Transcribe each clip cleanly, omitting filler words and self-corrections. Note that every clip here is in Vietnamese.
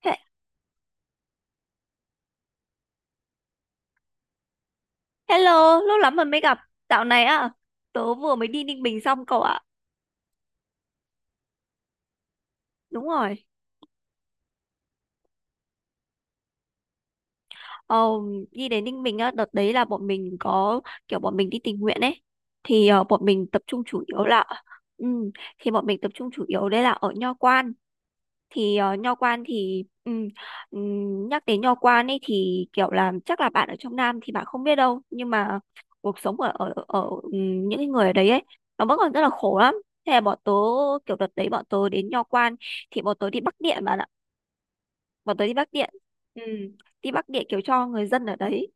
He- Hello, lâu lắm rồi mới gặp. Dạo này á, tớ vừa mới đi Ninh Bình xong cậu ạ. Đúng rồi. Ồ, đi đến Ninh Bình á, đợt đấy là bọn mình có bọn mình đi tình nguyện ấy. Thì bọn mình tập trung chủ yếu là ừ, thì bọn mình tập trung chủ yếu đây là ở Nho Quan. Thì nho quan thì nhắc đến nho quan ấy thì kiểu là chắc là bạn ở trong Nam thì bạn không biết đâu, nhưng mà cuộc sống ở ở ở những cái người ở đấy ấy nó vẫn còn rất là khổ lắm. Thế là bọn tớ, kiểu đợt đấy bọn tớ đến nho quan thì bọn tớ đi Bắc Điện bạn ạ. Bọn tớ Ừm, đi Bắc Điện kiểu cho người dân ở đấy.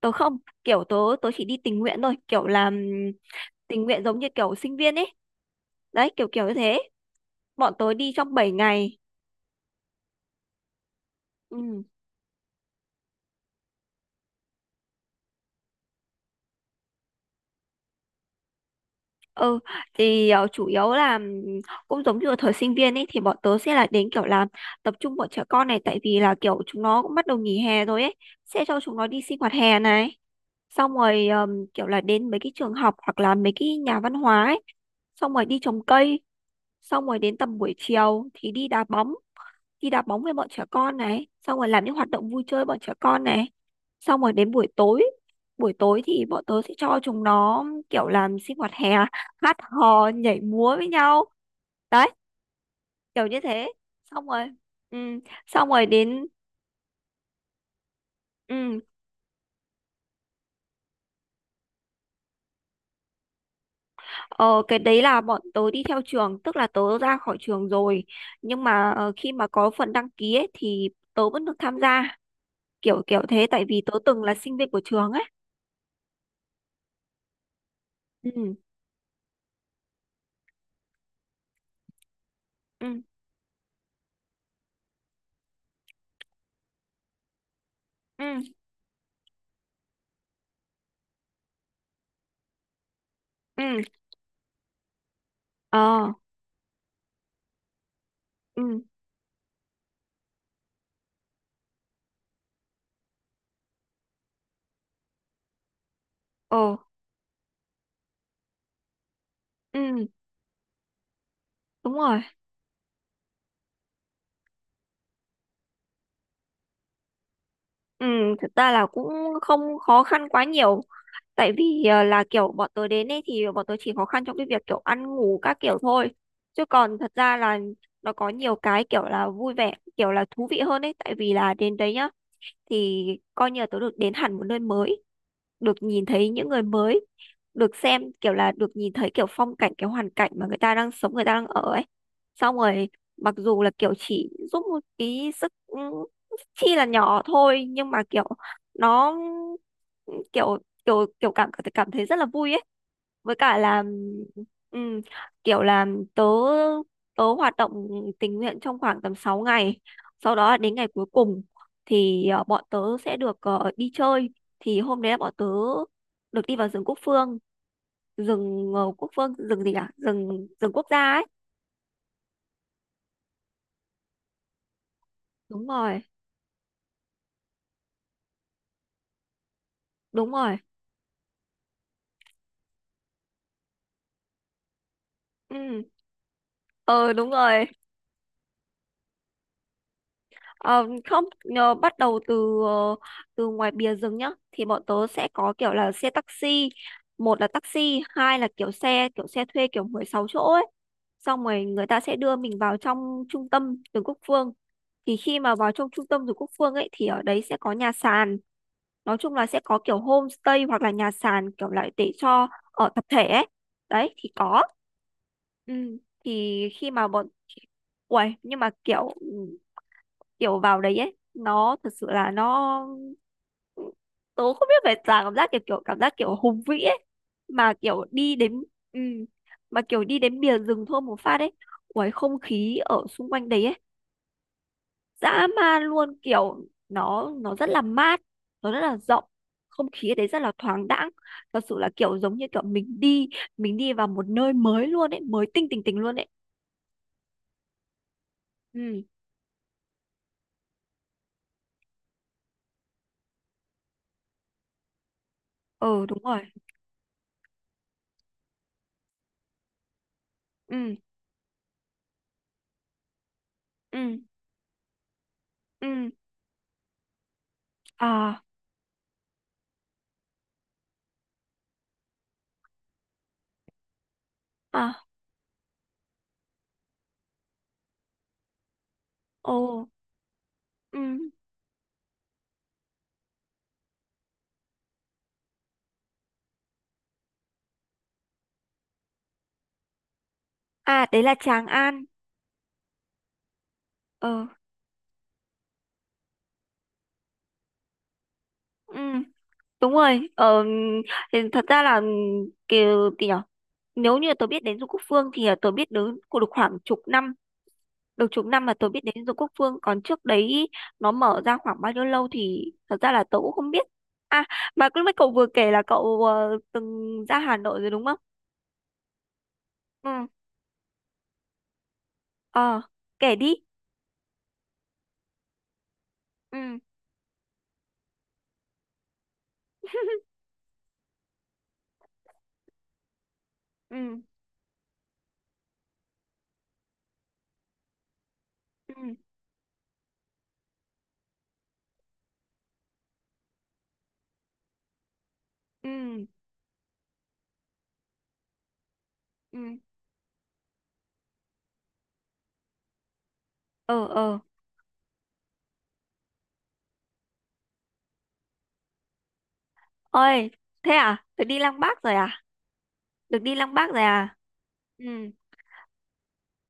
Tớ không kiểu tớ Tớ chỉ đi tình nguyện thôi, kiểu làm tình nguyện giống như kiểu sinh viên ấy. Đấy, kiểu kiểu như thế. Bọn tớ đi trong 7 ngày. Ừ. Ừ, thì chủ yếu là cũng giống như ở thời sinh viên ấy thì bọn tớ sẽ là đến kiểu là tập trung bọn trẻ con này, tại vì là kiểu chúng nó cũng bắt đầu nghỉ hè rồi ấy, sẽ cho chúng nó đi sinh hoạt hè này, xong rồi kiểu là đến mấy cái trường học hoặc là mấy cái nhà văn hóa ấy, xong rồi đi trồng cây, xong rồi đến tầm buổi chiều thì đi đá bóng, đi đá bóng với bọn trẻ con này, xong rồi làm những hoạt động vui chơi bọn trẻ con này, xong rồi đến buổi tối. Buổi tối thì bọn tớ sẽ cho chúng nó kiểu làm sinh hoạt hè, hát hò nhảy múa với nhau. Đấy, kiểu như thế. Xong rồi, ừ, xong rồi đến ừ, ờ, cái đấy là bọn tớ đi theo trường, tức là tớ ra khỏi trường rồi, nhưng mà khi mà có phần đăng ký ấy, thì tớ vẫn được tham gia, kiểu kiểu thế, tại vì tớ từng là sinh viên của trường ấy. Ừ. Ừ. Ừ. Ừ. Ờ. Ừ. Ồ, ừ, đúng rồi. Ừ, thực ra là cũng không khó khăn quá nhiều. Tại vì là kiểu bọn tớ đến ấy thì bọn tớ chỉ khó khăn trong cái việc kiểu ăn ngủ các kiểu thôi. Chứ còn thật ra là nó có nhiều cái kiểu là vui vẻ, kiểu là thú vị hơn ấy. Tại vì là đến đấy nhá, thì coi như là tớ được đến hẳn một nơi mới, được nhìn thấy những người mới, được xem kiểu là được nhìn thấy kiểu phong cảnh, cái hoàn cảnh mà người ta đang sống, người ta đang ở ấy. Xong rồi mặc dù là kiểu chỉ giúp một cái sức, chi là nhỏ thôi, nhưng mà kiểu nó kiểu kiểu kiểu cảm cảm thấy rất là vui ấy. Với cả là ừm, kiểu là tớ tớ hoạt động tình nguyện trong khoảng tầm 6 ngày. Sau đó đến ngày cuối cùng thì bọn tớ sẽ được đi chơi. Thì hôm đấy là bọn tớ được đi vào rừng Quốc Phương, rừng Quốc Phương, rừng gì, cả rừng rừng quốc gia ấy. Đúng rồi. Đúng rồi. Ừ. Ờ, đúng rồi. Ờ, không nhờ bắt đầu từ từ ngoài bìa rừng nhá, thì bọn tớ sẽ có kiểu là xe taxi, một là taxi, hai là kiểu xe, kiểu xe thuê kiểu 16 chỗ ấy. Xong rồi người ta sẽ đưa mình vào trong trung tâm Vườn Quốc Phương. Thì khi mà vào trong trung tâm Vườn Quốc Phương ấy thì ở đấy sẽ có nhà sàn, nói chung là sẽ có kiểu homestay hoặc là nhà sàn kiểu lại để cho ở tập thể ấy. Đấy thì có ừ. Thì khi mà bọn, uầy, nhưng mà kiểu, kiểu vào đấy ấy nó thật sự là nó, tớ không biết phải là cảm giác kiểu, cảm giác kiểu hùng vĩ ấy. Mà kiểu đi đến, ừ, mà kiểu đi đến bìa rừng thôi một phát ấy, ui không khí ở xung quanh đấy ấy dã man luôn, kiểu nó rất là mát, nó rất là rộng, không khí ở đấy rất là thoáng đãng. Thật sự là kiểu giống như kiểu mình đi vào một nơi mới luôn ấy, mới tinh, tỉnh tỉnh luôn ấy. Ừ. Ừ, đúng rồi. Ừ. Ừ. Ừ. À. À. Ồ. Ừ. À đấy là Tràng An. Ờ. Ừ. Đúng rồi. Ờ, thì thật ra là ừ, kiểu gì nhở? Nếu như tôi biết đến Du Quốc Phương thì tôi biết đến của được khoảng chục năm. Được chục năm mà tôi biết đến Du Quốc Phương. Còn trước đấy nó mở ra khoảng bao nhiêu lâu thì thật ra là tôi cũng không biết. À, mà lúc nãy cậu vừa kể là cậu từng ra Hà Nội rồi đúng không? Ừ. Ờ. Kể đi. Ừ. Ừ. Ừ. Ừ. Ừ. Ờ. Ờ. Ôi. Thế à? Tôi đi Lăng Bác rồi à? Được đi Lăng Bác rồi à. Ừ.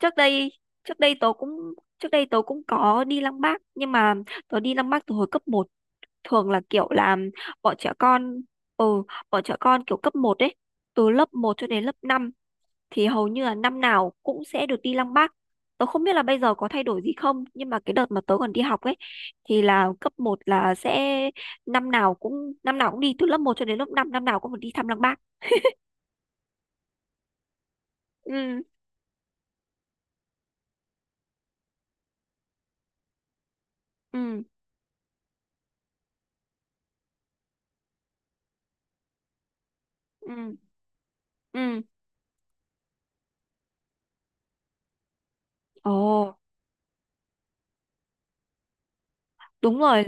trước đây trước đây tớ cũng Trước đây tớ cũng có đi Lăng Bác, nhưng mà tớ đi Lăng Bác từ hồi cấp một. Thường là kiểu là bọn trẻ con, ừ bọn trẻ con kiểu cấp một ấy, từ lớp một cho đến lớp 5 thì hầu như là năm nào cũng sẽ được đi Lăng Bác. Tớ không biết là bây giờ có thay đổi gì không, nhưng mà cái đợt mà tớ còn đi học ấy thì là cấp một là sẽ năm nào cũng đi từ lớp một cho đến lớp 5, năm năm nào cũng phải đi thăm Lăng Bác. Ừ. Ừ. Ừ. Ừ. Ồ. Đúng rồi.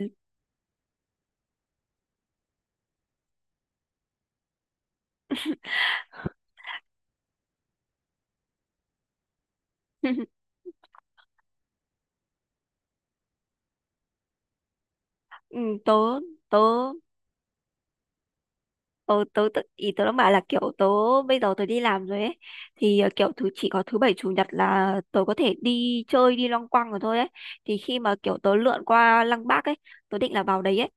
Ừ, tớ tớ tớ tớ tự ý tớ đang bảo là kiểu tớ, bây giờ tớ đi làm rồi ấy, thì kiểu thứ, chỉ có thứ bảy chủ nhật là tớ có thể đi chơi, đi loanh quanh rồi thôi ấy. Thì khi mà kiểu tớ lượn qua Lăng Bác ấy, tớ định là vào đấy ấy,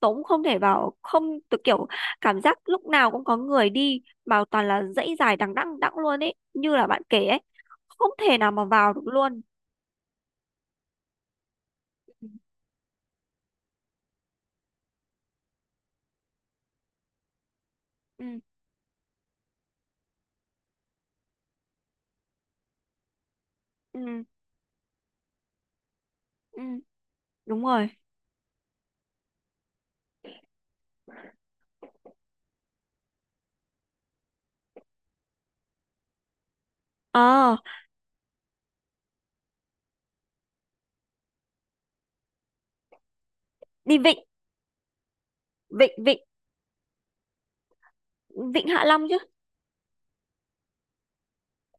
tớ cũng không thể vào, không tớ kiểu cảm giác lúc nào cũng có người đi mà toàn là dãy dài đằng đẵng, luôn ấy, như là bạn kể ấy, không thể nào mà vào được luôn. Ừ. Ừ. Ừ, ừ. Đúng rồi. Ờ, đi vịnh, vịnh Vịnh Hạ Long chứ.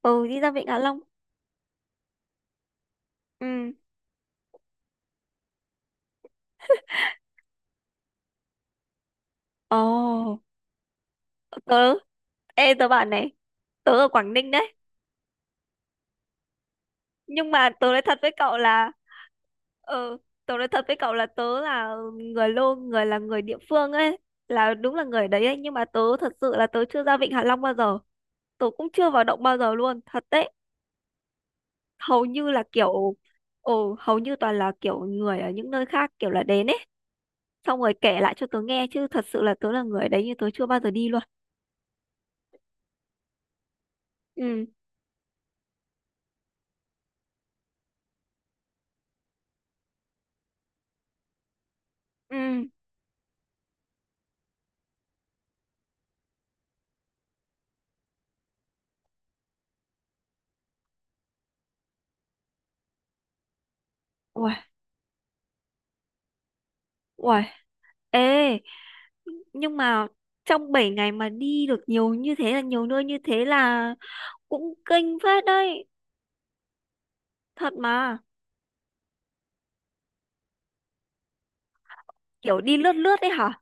Ừ, đi ra Vịnh Hạ Long. Ừ. Ồ. tớ Ê tớ bảo này, tớ ở Quảng Ninh đấy, nhưng mà tớ nói thật với cậu là, ừ, tớ nói thật với cậu là tớ là người lô, là người địa phương ấy, là đúng là người đấy ấy, nhưng mà tớ thật sự là tớ chưa ra Vịnh Hạ Long bao giờ, tớ cũng chưa vào động bao giờ luôn, thật đấy. Hầu như là kiểu, ồ hầu như toàn là kiểu người ở những nơi khác kiểu là đến ấy, xong rồi kể lại cho tớ nghe, chứ thật sự là tớ là người đấy nhưng tớ chưa bao giờ đi luôn. Ừ. Ừ. Uầy, uầy. Ê, nhưng mà trong 7 ngày mà đi được nhiều như thế là, nhiều nơi như thế là cũng kinh phết đấy. Thật mà, kiểu đi lướt lướt đấy hả?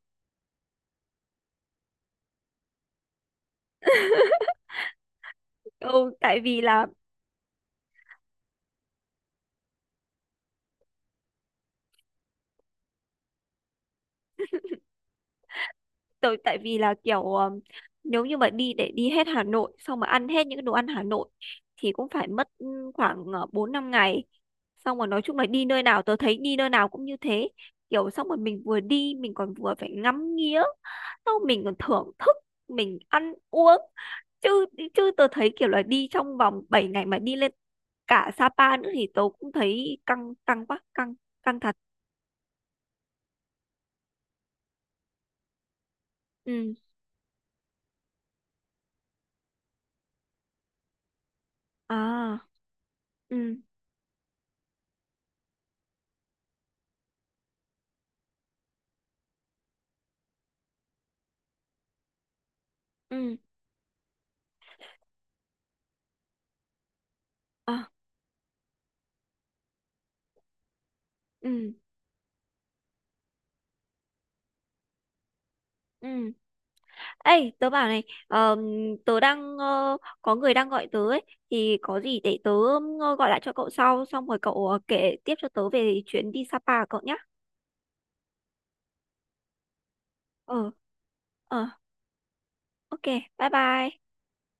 Ừ, tại vì là, tại vì là kiểu nếu như mà đi để đi hết Hà Nội xong mà ăn hết những cái đồ ăn Hà Nội thì cũng phải mất khoảng 4 5 ngày. Xong rồi nói chung là đi nơi nào, tôi thấy đi nơi nào cũng như thế. Kiểu xong rồi mình vừa đi mình còn vừa phải ngắm nghía, xong mình còn thưởng thức, mình ăn uống. Chứ chứ tôi thấy kiểu là đi trong vòng 7 ngày mà đi lên cả Sapa nữa thì tôi cũng thấy căng, căng quá, căng căng thật. Ừ. À, ừ, ừ, à, ừ, ừ. Ê, tớ bảo này, ờm, tớ đang có người đang gọi tớ ấy, thì có gì để tớ gọi lại cho cậu sau, xong rồi cậu kể tiếp cho tớ về chuyến đi Sapa của cậu nhé. Ờ, ờ, ok, bye bye.